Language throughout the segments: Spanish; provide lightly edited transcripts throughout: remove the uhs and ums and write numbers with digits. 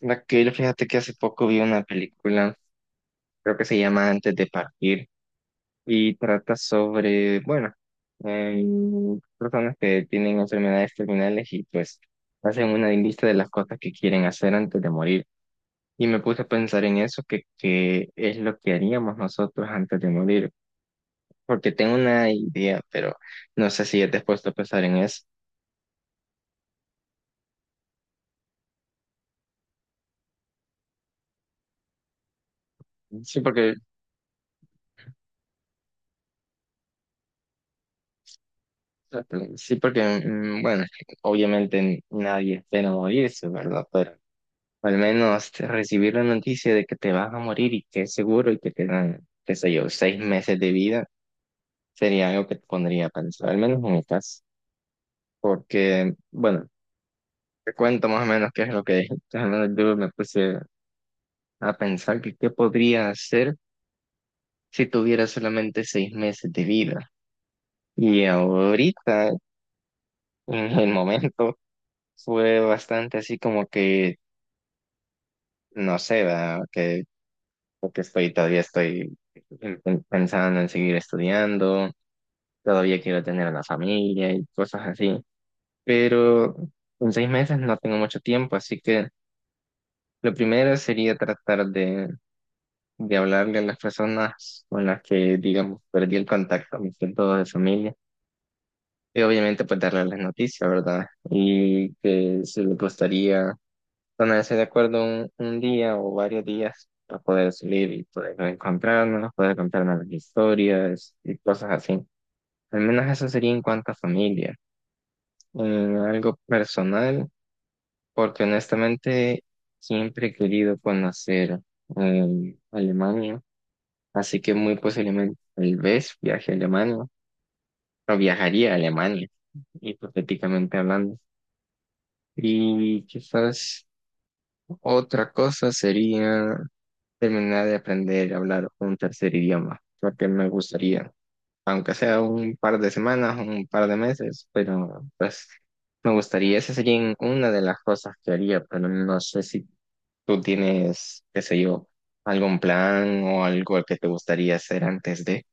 Raquel, fíjate que hace poco vi una película, creo que se llama Antes de partir, y trata sobre, bueno, eh, personas que tienen enfermedades terminales y pues hacen una lista de las cosas que quieren hacer antes de morir. Y me puse a pensar en eso, que es lo que haríamos nosotros antes de morir, porque tengo una idea, pero no sé si te has puesto a pensar en eso. Sí, porque, sí, porque, bueno, obviamente nadie espera morirse, ¿verdad? Pero o al menos recibir la noticia de que te vas a morir y que es seguro y que te dan, qué sé yo, 6 meses de vida, sería algo que te pondría a pensar, al menos en mi caso. Porque, bueno, te cuento más o menos qué es lo que al menos yo me puse a pensar que qué podría hacer si tuviera solamente 6 meses de vida. Y ahorita, en el momento, fue bastante así como que, no sé, ¿verdad? Que, porque todavía estoy pensando en seguir estudiando, todavía quiero tener una familia y cosas así, pero en 6 meses no tengo mucho tiempo, así que lo primero sería tratar de hablarle a las personas con las que, digamos, perdí el contacto, me siento de familia, y obviamente pues darle las noticias, ¿verdad? Y que si les gustaría ponerse de acuerdo un día o varios días para poder salir y poder encontrarnos, poder contarnos las historias y cosas así. Al menos eso sería en cuanto a familia. Eh, Algo personal, porque honestamente siempre he querido conocer Alemania, así que muy posiblemente tal vez viaje a Alemania, o viajaría a Alemania, hipotéticamente hablando. Y quizás otra cosa sería terminar de aprender a hablar un tercer idioma, porque me gustaría, aunque sea un par de semanas, un par de meses, pero pues me gustaría, esa sería una de las cosas que haría, pero no sé si tú tienes, qué sé yo, algún plan o algo que te gustaría hacer antes de.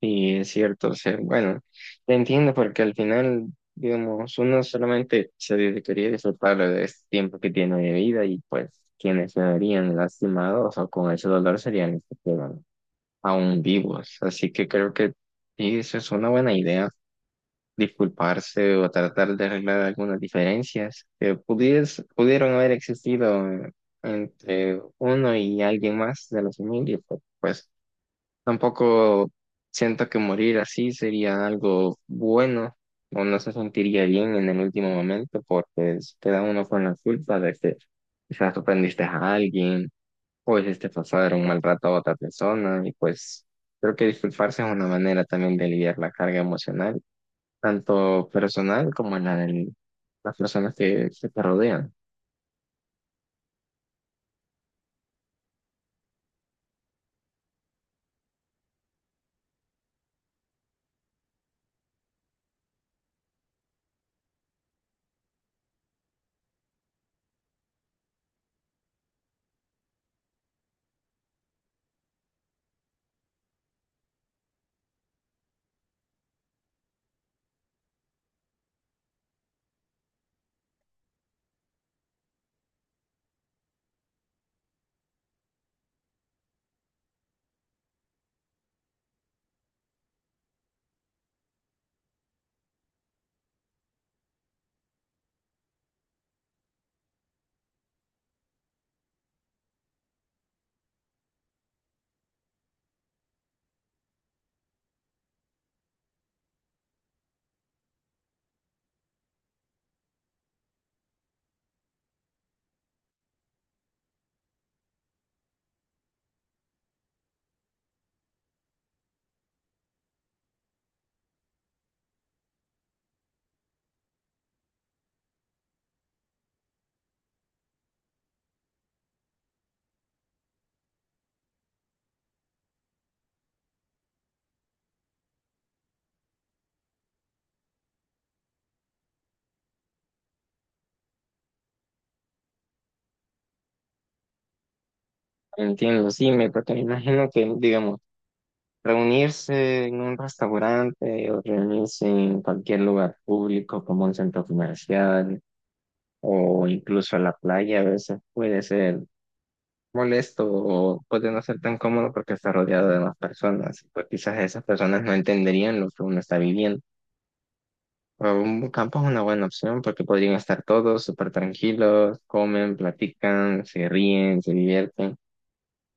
Y es cierto, o sea, bueno, te entiendo porque al final, digamos, uno solamente se dedicaría a disfrutar de este tiempo que tiene de vida y pues quienes se verían lastimados o con ese dolor serían los que quedan aún vivos. Así que creo que sí, eso es una buena idea, disculparse o tratar de arreglar algunas diferencias que pudieron haber existido, entre uno y alguien más de la familia. Pero, pues tampoco siento que morir así sería algo bueno o no se sentiría bien en el último momento porque queda uno con la culpa de que quizás ofendiste a alguien o hiciste pasar un mal rato a otra persona y pues creo que disculparse es una manera también de aliviar la carga emocional, tanto personal como la de las personas que te rodean. Entiendo, sí, me, porque me imagino que, digamos, reunirse en un restaurante o reunirse en cualquier lugar público como un centro comercial o incluso a la playa a veces puede ser molesto o puede no ser tan cómodo porque está rodeado de más personas. Pues quizás esas personas no entenderían lo que uno está viviendo. Pero un campo es una buena opción porque podrían estar todos súper tranquilos, comen, platican, se ríen, se divierten.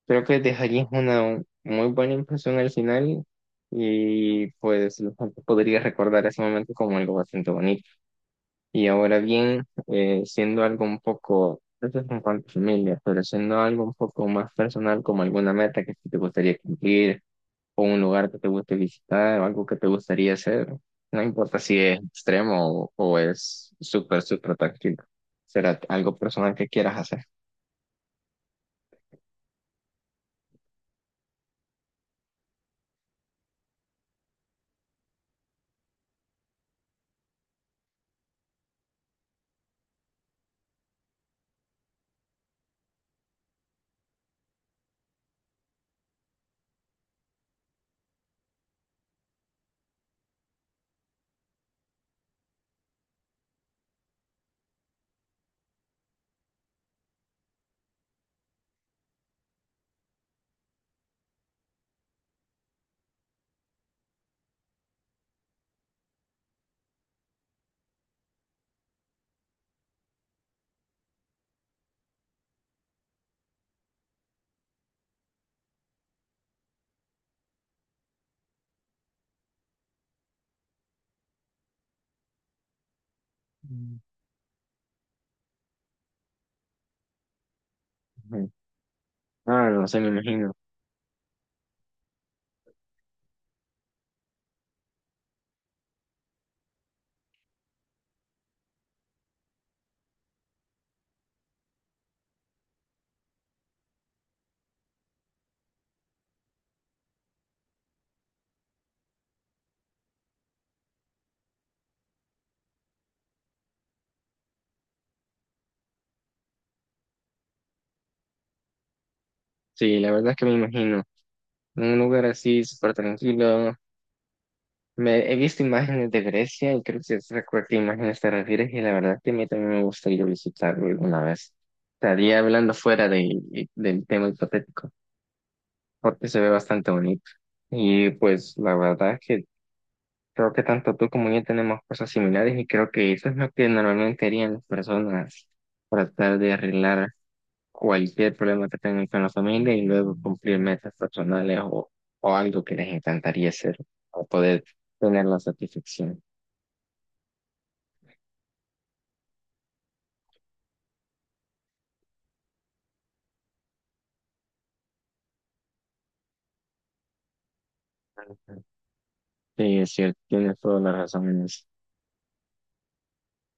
Creo que dejarías una muy buena impresión al final y pues la gente podría recordar ese momento como algo bastante bonito. Y ahora bien, siendo algo un poco, eso es en cuanto a familia, pero siendo algo un poco más personal, como alguna meta que sí te gustaría cumplir, o un lugar que te guste visitar, o algo que te gustaría hacer, no importa si es extremo o es súper, súper tranquilo, será algo personal que quieras hacer. Ujú. Ah, no sé, me imagino. Sí, la verdad es que me imagino. Un lugar así súper tranquilo. Me, he visto imágenes de Grecia y creo que sé a qué imágenes te refieres y la verdad que a mí también me gustaría visitarlo alguna vez. Estaría hablando fuera de, del tema hipotético porque se ve bastante bonito. Y pues la verdad es que creo que tanto tú como yo tenemos cosas similares y creo que eso es lo que normalmente harían las personas para tratar de arreglar cualquier problema que tengan con la familia y luego cumplir metas personales o algo que les encantaría hacer o poder tener la satisfacción. Sí, es cierto, tienes toda la razón en eso.